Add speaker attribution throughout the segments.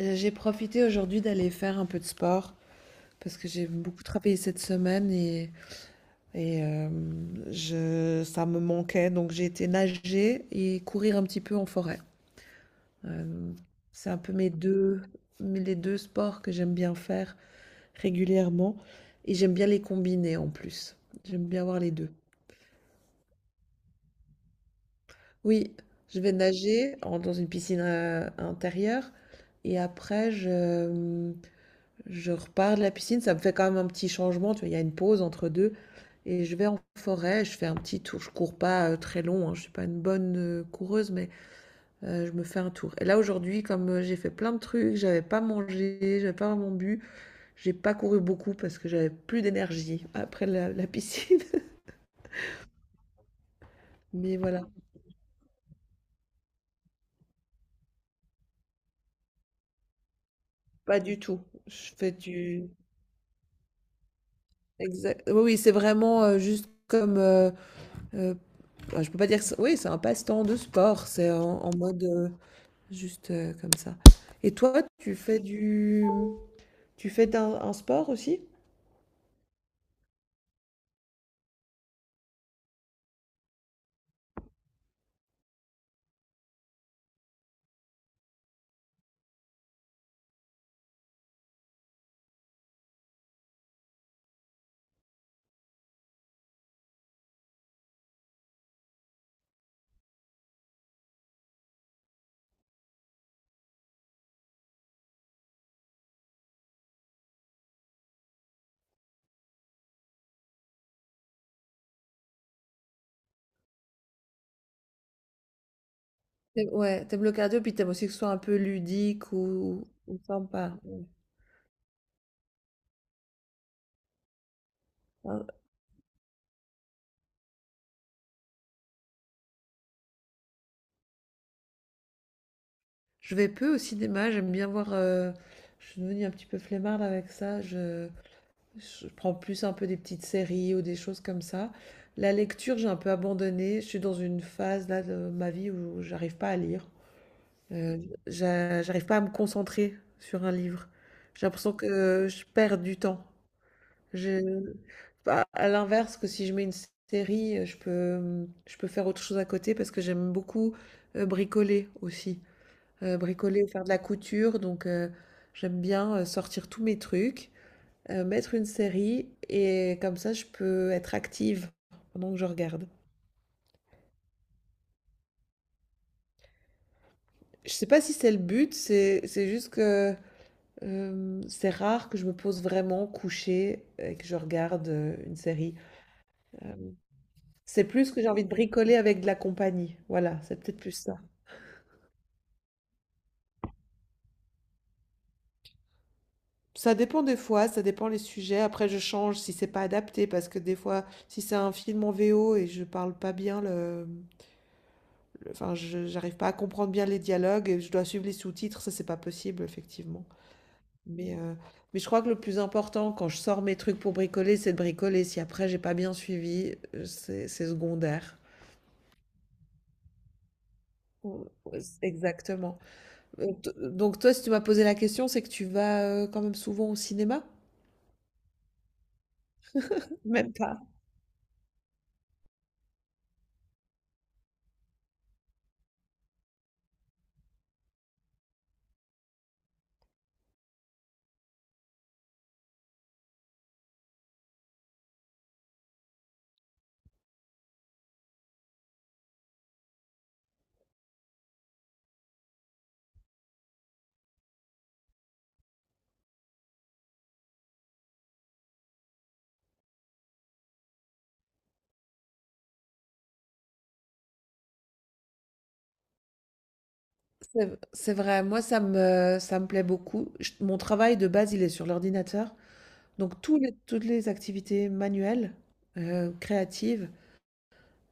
Speaker 1: J'ai profité aujourd'hui d'aller faire un peu de sport parce que j'ai beaucoup travaillé cette semaine et ça me manquait. Donc j'ai été nager et courir un petit peu en forêt. Euh, c'est un peu les deux sports que j'aime bien faire régulièrement, et j'aime bien les combiner en plus. J'aime bien avoir les deux. Oui, je vais dans une piscine intérieure et je repars de la piscine. Ça me fait quand même un petit changement, tu vois, il y a une pause entre deux. Et je vais en forêt, je fais un petit tour. Je cours pas très long, hein, je suis pas une bonne coureuse, mais je me fais un tour. Et là aujourd'hui, comme j'ai fait plein de trucs, j'avais pas mangé, j'avais pas vraiment bu, j'ai pas couru beaucoup parce que j'avais plus d'énergie après la piscine. Mais voilà, pas du tout. Je fais du exact. Oui, oui, c'est vraiment juste comme. euh, je peux pas dire. Que c'est- Oui, c'est un passe-temps de sport. C'est en mode. Juste comme ça. Et toi, tu fais du... Tu fais un sport aussi? Ouais, t'aimes le cardio, puis t'aimes aussi que ce soit un peu ludique ou sympa. Ouais. Hein, Je vais peu au cinéma, j'aime bien voir... Je suis devenue un petit peu flemmarde avec ça. Je prends plus un peu des petites séries ou des choses comme ça. La lecture, j'ai un peu abandonné. Je suis dans une phase là de ma vie où j'arrive pas à lire. Euh, J'arrive pas à me concentrer sur un livre. J'ai l'impression que je perds du temps. Je à l'inverse, que si je mets une série, je peux, je peux faire autre chose à côté parce que j'aime beaucoup, bricoler aussi, bricoler ou faire de la couture, donc j'aime bien, sortir tous mes trucs, mettre une série, et comme ça je peux être active pendant que je regarde. Je sais pas si c'est le but, c'est juste que, c'est rare que je me pose vraiment couchée et que je regarde, une série. Euh, C'est plus que j'ai envie de bricoler avec de la compagnie. Voilà, c'est peut-être plus ça. Ça dépend des fois, ça dépend les sujets. Après, je change si c'est pas adapté, parce que des fois, si c'est un film en VO et je parle pas bien enfin, je j'arrive pas à comprendre bien les dialogues et je dois suivre les sous-titres, ça c'est pas possible effectivement. Mais euh, mais je crois que le plus important quand je sors mes trucs pour bricoler, c'est de bricoler. Si après j'ai pas bien suivi, c'est secondaire. Ou- ou- Exactement. Donc toi, si tu m'as posé la question, c'est que tu vas, quand même souvent au cinéma? Même pas. C'est c'est vrai, moi ça me plaît beaucoup. Je Mon travail de base, il est sur l'ordinateur, donc tous les toutes les activités manuelles, créatives,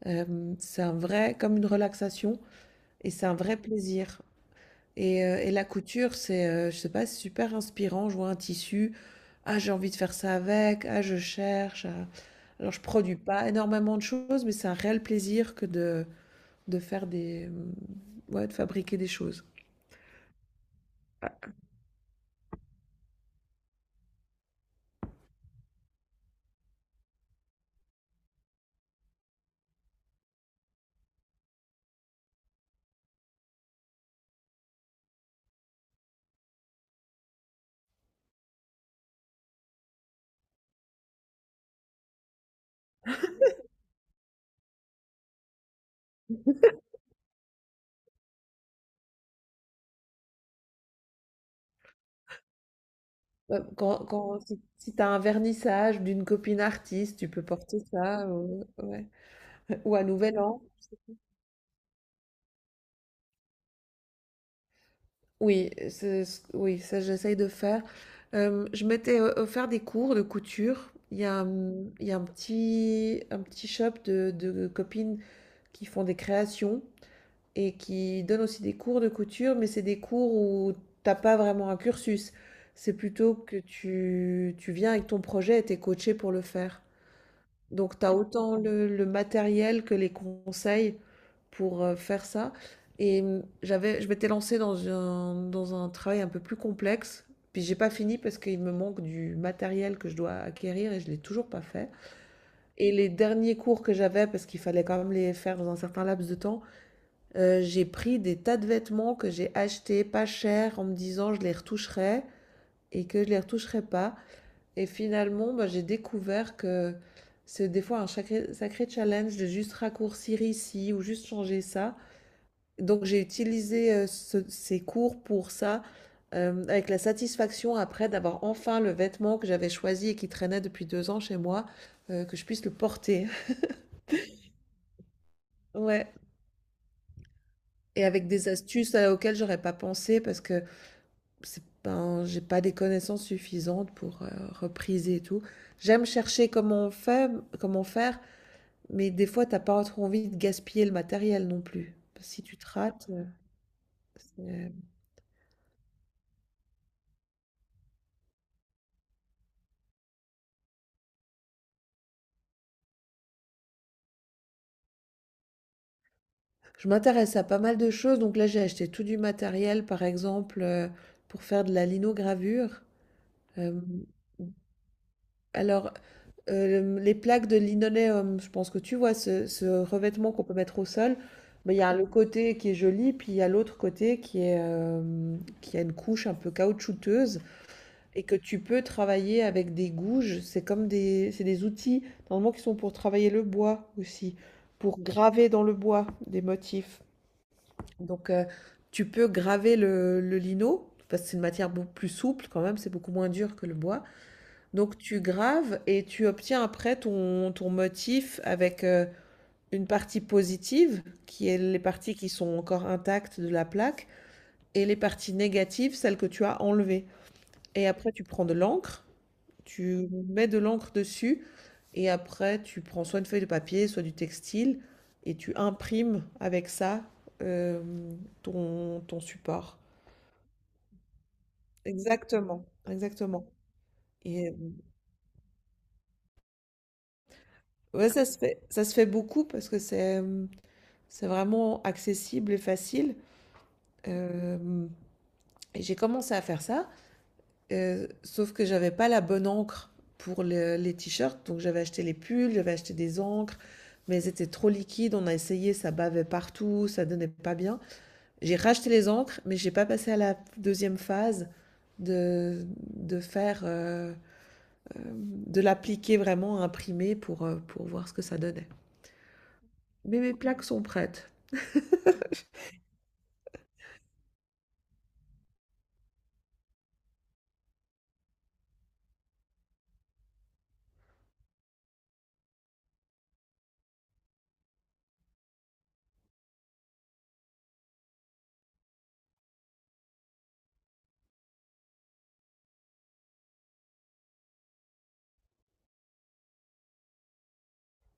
Speaker 1: c'est un vrai comme une relaxation, et c'est un vrai plaisir. Et la couture, c'est, je sais pas, c'est super inspirant. Je vois un tissu, ah j'ai envie de faire ça avec, ah je cherche, alors je produis pas énormément de choses, mais c'est un réel plaisir que de faire des, ouais, de fabriquer des choses. Ouais, quand quand si si tu as un vernissage d'une copine artiste, tu peux porter ça, ouais. Ou à Nouvel An. Oui, c'est ce oui, ça j'essaye de faire. Je m'étais, offert des cours de couture. Il y a un petit shop de copines qui font des créations et qui donne aussi des cours de couture, mais c'est des cours où t'as pas vraiment un cursus. C'est plutôt que tu viens avec ton projet et t'es coaché pour le faire. Donc t'as autant le matériel que les conseils pour faire ça. Et je m'étais lancée dans dans un travail un peu plus complexe. Puis j'ai pas fini parce qu'il me manque du matériel que je dois acquérir et je l'ai toujours pas fait. Et les derniers cours que j'avais, parce qu'il fallait quand même les faire dans un certain laps de temps, j'ai pris des tas de vêtements que j'ai achetés pas cher en me disant je les retoucherai, et que je les retoucherai pas. Et finalement, bah, j'ai découvert que c'est des fois un sacré, sacré challenge de juste raccourcir ici ou juste changer ça. Donc j'ai utilisé ces cours pour ça, avec la satisfaction après d'avoir enfin le vêtement que j'avais choisi et qui traînait depuis deux ans chez moi, que je puisse le porter. Ouais. Et avec des astuces auxquelles j'aurais pas pensé parce que c'est pas, j'ai pas des connaissances suffisantes pour repriser et tout. J'aime chercher comment on fait, comment faire, mais des fois, t'as pas trop envie de gaspiller le matériel non plus. Si tu te rates, c'est- je m'intéresse à pas mal de choses. Donc là, j'ai acheté tout du matériel, par exemple, pour faire de la linogravure. Euh, alors, les plaques de linoléum, je pense que tu vois ce revêtement qu'on peut mettre au sol, mais il y a le côté qui est joli, puis il y a l'autre côté qui est qui a une couche un peu caoutchouteuse et que tu peux travailler avec des gouges. C'est des outils normalement qui sont pour travailler le bois aussi, pour graver dans le bois des motifs. Donc tu peux graver le lino parce que c'est une matière beaucoup plus souple quand même, c'est beaucoup moins dur que le bois. Donc tu graves et tu obtiens après ton motif avec une partie positive, qui est les parties qui sont encore intactes de la plaque, et les parties négatives, celles que tu as enlevées. Et après tu prends de l'encre, tu mets de l'encre dessus, et après tu prends soit une feuille de papier, soit du textile, et tu imprimes avec ça euh, ton support. Exactement, exactement. Et ouais, ça se fait beaucoup parce que c'est vraiment accessible et facile. Euh, et j'ai commencé à faire ça, sauf que j'avais pas la bonne encre pour les t-shirts, donc j'avais acheté les pulls, j'avais acheté des encres, mais elles étaient trop liquides. On a essayé, ça bavait partout, ça donnait pas bien. J'ai racheté les encres, mais j'ai pas passé à la deuxième phase de, de faire, de l'appliquer vraiment, à imprimer pour voir ce que ça donnait. Mais mes plaques sont prêtes.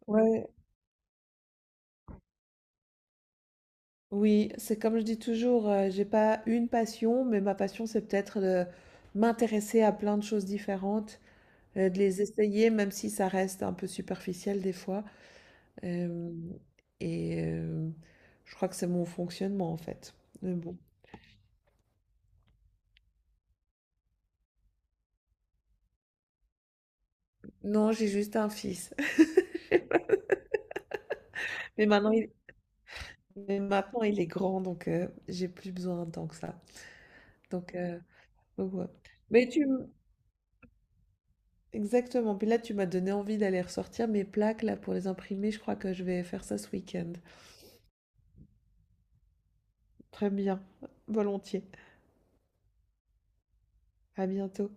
Speaker 1: Ouais, oui, c'est comme je dis toujours, j'ai pas une passion, mais ma passion, c'est peut-être de m'intéresser à plein de choses différentes, de les essayer, même si ça reste un peu superficiel des fois, hem et je crois que c'est mon fonctionnement, en fait, mais bon. Non, j'ai juste un fils, mais maintenant il mais maintenant il est grand, donc j'ai plus besoin tant que ça, donc heu, donc ouais. Mais tu m Exactement, puis là, tu m'as donné envie d'aller ressortir mes plaques, là, pour les imprimer. Je crois que je vais faire ça ce week-end. Très bien, volontiers. À bientôt.